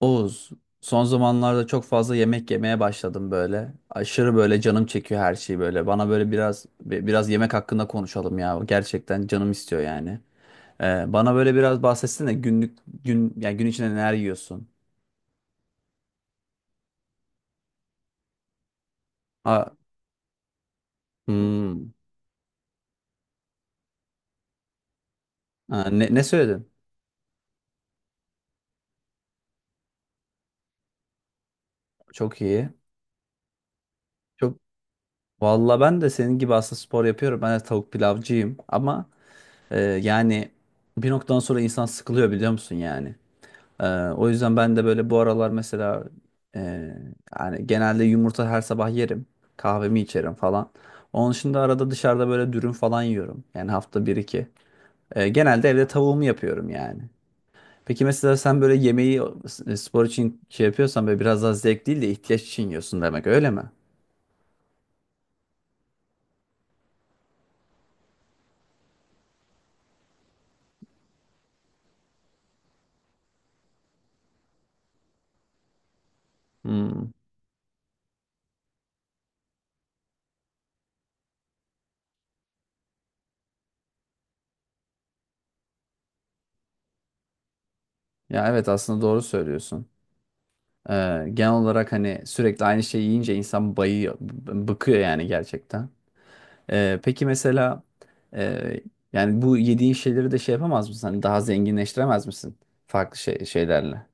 Oğuz, son zamanlarda çok fazla yemek yemeye başladım böyle. Aşırı böyle canım çekiyor her şeyi böyle. Bana böyle biraz biraz yemek hakkında konuşalım ya. Gerçekten canım istiyor yani. Bana böyle biraz bahsetsene gün yani gün içinde neler yiyorsun? Ha, hmm. Ha, ne söyledin? Çok iyi. Çok Valla ben de senin gibi aslında spor yapıyorum. Ben de tavuk pilavcıyım ama yani bir noktadan sonra insan sıkılıyor biliyor musun yani? O yüzden ben de böyle bu aralar mesela e, yani genelde yumurta her sabah yerim. Kahvemi içerim falan. Onun dışında arada dışarıda böyle dürüm falan yiyorum. Yani hafta bir iki. Genelde evde tavuğumu yapıyorum yani. Peki mesela sen böyle yemeği spor için şey yapıyorsan böyle biraz daha zevk değil de ihtiyaç için yiyorsun demek öyle mi? Hmm. Ya evet aslında doğru söylüyorsun. Genel olarak hani sürekli aynı şeyi yiyince insan bayıyor, bıkıyor yani gerçekten. Peki mesela e, yani bu yediğin şeyleri de şey yapamaz mısın? Hani daha zenginleştiremez misin? Farklı şeylerle.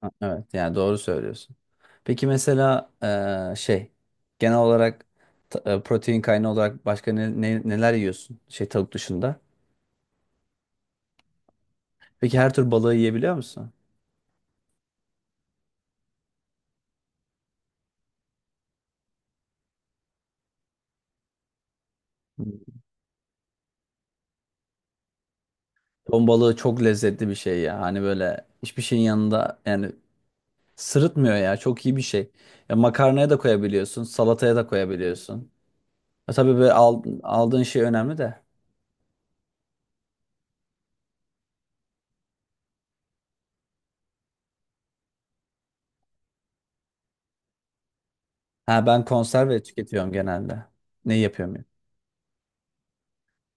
Ha, evet yani doğru söylüyorsun. Peki mesela şey genel olarak protein kaynağı olarak başka ne, neler yiyorsun? Şey tavuk dışında. Peki her tür balığı yiyebiliyor musun? Hmm. Ton balığı çok lezzetli bir şey ya. Hani böyle hiçbir şeyin yanında yani sırıtmıyor ya. Çok iyi bir şey. Ya makarnaya da koyabiliyorsun, salataya da koyabiliyorsun. E, tabii böyle aldığın şey önemli de. Ha ben konserve tüketiyorum genelde. Ne yapıyorum ya?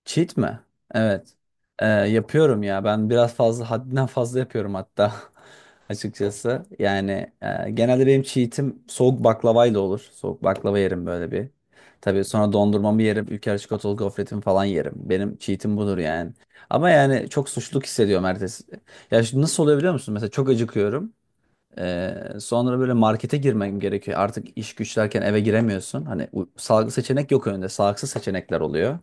Cheat mi? Evet. E, yapıyorum ya. Ben biraz fazla haddinden fazla yapıyorum hatta. Açıkçası. Yani genelde benim cheat'im soğuk baklavayla olur. Soğuk baklava yerim böyle bir. Tabii sonra dondurmamı yerim. Ülker çikolatalı gofretimi falan yerim. Benim cheat'im budur yani. Ama yani çok suçluluk hissediyorum ertesi. Ya şimdi nasıl oluyor biliyor musun? Mesela çok acıkıyorum. Ee, Sonra böyle markete girmem gerekiyor. Artık iş güçlerken eve giremiyorsun. Hani salgı seçenek yok önünde. Sağlıksız seçenekler oluyor.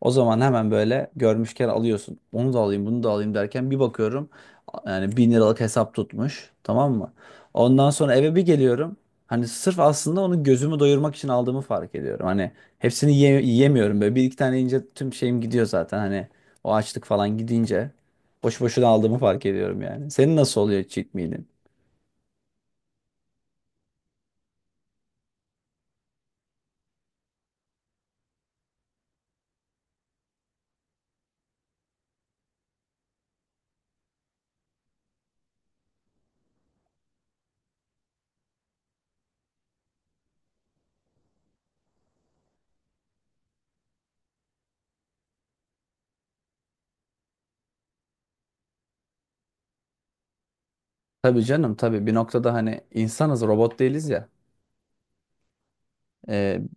O zaman hemen böyle görmüşken alıyorsun. Onu da alayım, bunu da alayım derken bir bakıyorum. Yani bin liralık hesap tutmuş. Tamam mı? Ondan sonra eve bir geliyorum. Hani sırf aslında onu gözümü doyurmak için aldığımı fark ediyorum. Hani hepsini yiyemiyorum böyle. Bir iki tane yiyince tüm şeyim gidiyor zaten. Hani o açlık falan gidince boş boşuna aldığımı fark ediyorum yani. Senin nasıl oluyor cheat meal'in? Tabii canım tabii bir noktada hani insanız robot değiliz ya. Ee,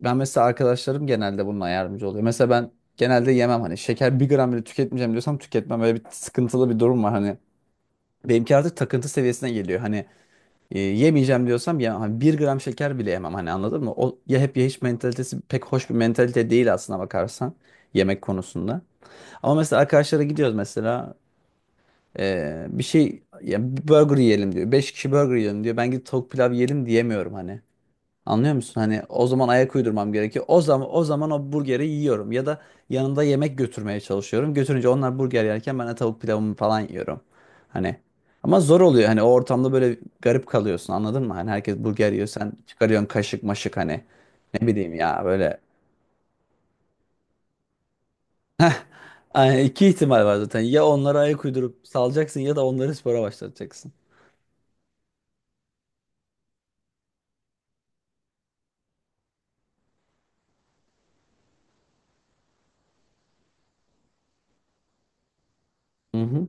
Ben mesela arkadaşlarım genelde bununla yardımcı oluyor. Mesela ben genelde yemem hani şeker bir gram bile tüketmeyeceğim diyorsam tüketmem. Böyle bir sıkıntılı bir durum var hani. Benimki artık takıntı seviyesine geliyor. Hani yemeyeceğim diyorsam ya hani bir gram şeker bile yemem hani anladın mı? O ya hep ya hiç mentalitesi pek hoş bir mentalite değil aslına bakarsan yemek konusunda. Ama mesela arkadaşlara gidiyoruz mesela bir şey ya bir burger yiyelim diyor. Beş kişi burger yiyelim diyor. Ben gidip tavuk pilav yiyelim diyemiyorum hani. Anlıyor musun? Hani o zaman ayak uydurmam gerekiyor. O zaman o burgeri yiyorum ya da yanında yemek götürmeye çalışıyorum. Götürünce onlar burger yerken ben de tavuk pilavımı falan yiyorum. Hani ama zor oluyor. Hani o ortamda böyle garip kalıyorsun. Anladın mı? Hani herkes burger yiyor, sen çıkarıyorsun kaşık maşık hani. Ne bileyim ya böyle. Yani iki ihtimal var zaten. Ya onlara ayak uydurup salacaksın ya da onları spora başlatacaksın. Hı hı.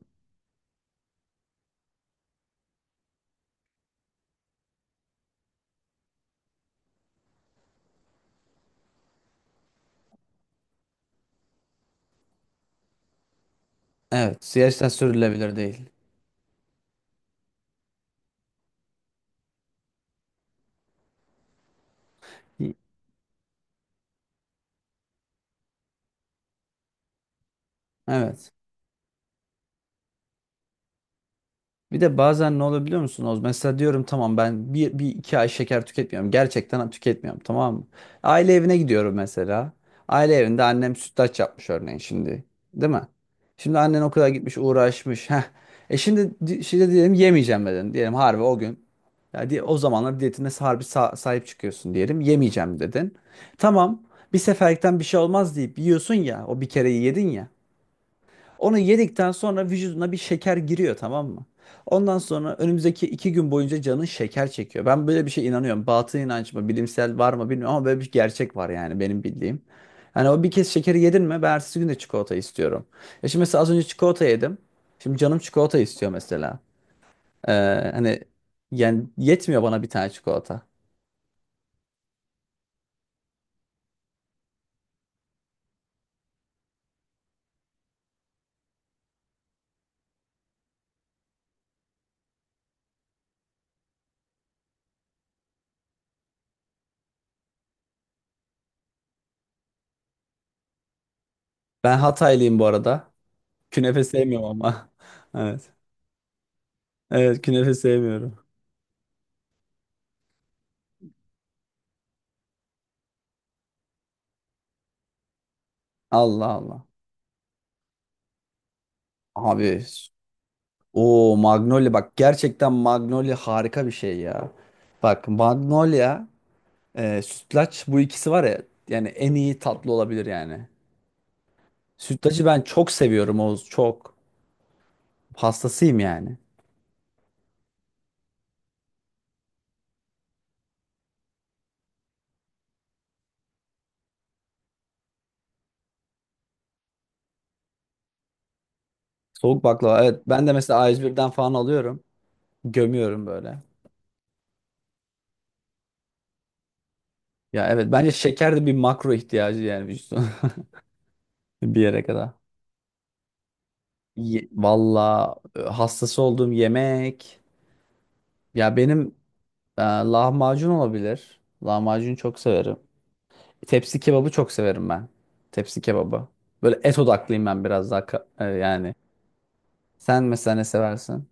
Evet, siyasetten sürdürülebilir değil. Evet. Bir de bazen ne olabiliyor musunuz? Mesela diyorum tamam ben bir iki ay şeker tüketmiyorum. Gerçekten tüketmiyorum tamam mı? Aile evine gidiyorum mesela. Aile evinde annem sütlaç yapmış örneğin şimdi. Değil mi? Şimdi annen o kadar gitmiş uğraşmış. Heh. Şimdi diyelim yemeyeceğim dedin. Diyelim harbi o gün. Ya o zamanlar diyetine harbi sahip çıkıyorsun diyelim. Yemeyeceğim dedin. Tamam bir seferlikten bir şey olmaz deyip yiyorsun ya. O bir kere yedin ya. Onu yedikten sonra vücuduna bir şeker giriyor tamam mı? Ondan sonra önümüzdeki iki gün boyunca canın şeker çekiyor. Ben böyle bir şey inanıyorum. Batıl inanç mı, bilimsel var mı bilmiyorum ama böyle bir gerçek var yani benim bildiğim. Yani o bir kez şekeri yedin mi ben ertesi gün de çikolata istiyorum. Ya şimdi mesela az önce çikolata yedim. Şimdi canım çikolata istiyor mesela. Ee, Hani yani yetmiyor bana bir tane çikolata. Ben Hataylıyım bu arada. Künefe sevmiyorum ama. Evet. Evet künefe sevmiyorum. Allah Allah. Abi o Magnolia bak gerçekten Magnolia harika bir şey ya. Bak Magnolia, sütlaç bu ikisi var ya yani en iyi tatlı olabilir yani. Sütlacı ben çok seviyorum Oğuz çok. Hastasıyım yani. Soğuk baklava evet ben de mesela a yüz birden falan alıyorum. Gömüyorum böyle. Ya evet bence şeker de bir makro ihtiyacı yani vücudun bir yere kadar. Valla hastası olduğum yemek. Ya benim lahmacun olabilir. Lahmacun çok severim. Tepsi kebabı çok severim ben. Tepsi kebabı. Böyle et odaklıyım ben biraz daha yani. Sen mesela ne seversin?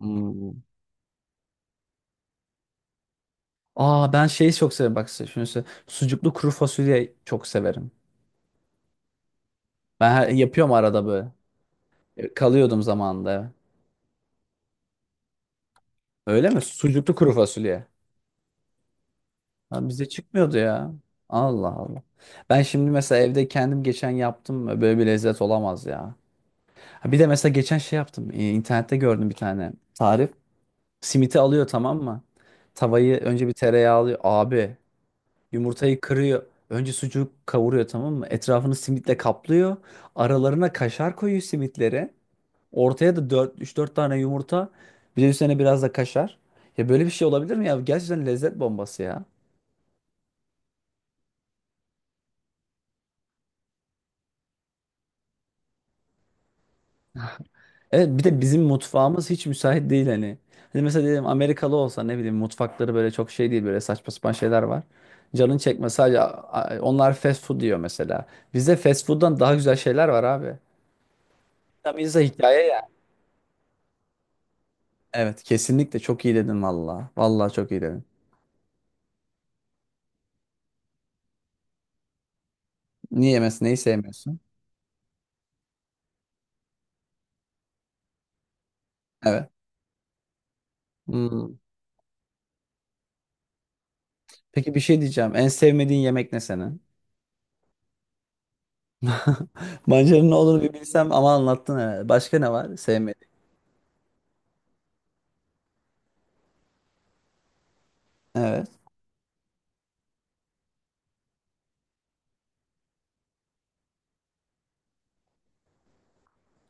Hmm. Aa ben şeyi çok severim bak size şunu söyleyeyim. Sucuklu kuru fasulye çok severim. Yapıyorum arada böyle. E, kalıyordum zamanında. Öyle mi? Sucuklu kuru fasulye. Ha, bize çıkmıyordu ya. Allah Allah. Ben şimdi mesela evde kendim geçen yaptım. Böyle bir lezzet olamaz ya. Ha, bir de mesela geçen şey yaptım. E, İnternette gördüm bir tane tarif. Simiti alıyor tamam mı? Tavayı önce bir tereyağı alıyor. Abi yumurtayı kırıyor. Önce sucuğu kavuruyor tamam mı? Etrafını simitle kaplıyor. Aralarına kaşar koyuyor simitleri. Ortaya da 3-4 tane yumurta. Bir de üstüne biraz da kaşar. Ya böyle bir şey olabilir mi ya? Gerçekten lezzet bombası ya. Evet bir de bizim mutfağımız hiç müsait değil hani. Hani mesela diyelim Amerikalı olsa ne bileyim mutfakları böyle çok şey değil böyle saçma sapan şeyler var. Canın çekme sadece onlar fast food diyor mesela. Bizde fast food'dan daha güzel şeyler var abi. Tam insan hikaye yani. Evet kesinlikle çok iyi dedin valla. Valla çok iyi dedin. Niye yemezsin neyi sevmiyorsun? Evet. Hmm. Peki bir şey diyeceğim. En sevmediğin yemek ne senin? Mancanın ne olduğunu bir bilsem ama anlattın evet. Başka ne var? Sevmediğin. Evet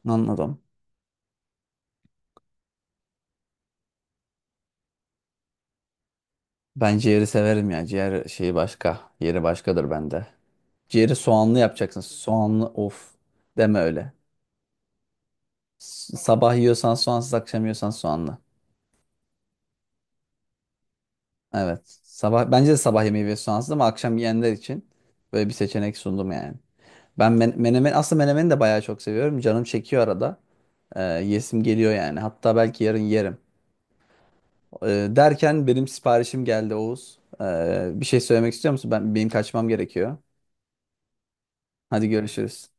anladım. Ben ciğeri severim ya. Ciğer şeyi başka. Yeri başkadır bende. Ciğeri soğanlı yapacaksın. Soğanlı of. Deme öyle. Sabah yiyorsan soğansız, akşam yiyorsan soğanlı. Evet. Sabah bence de sabah yemeği ve soğansız ama akşam yiyenler için böyle bir seçenek sundum yani. Ben menemen aslında menemeni de bayağı çok seviyorum. Canım çekiyor arada. Yesim geliyor yani. Hatta belki yarın yerim. Derken benim siparişim geldi Oğuz. Bir şey söylemek istiyor musun? Benim kaçmam gerekiyor. Hadi görüşürüz.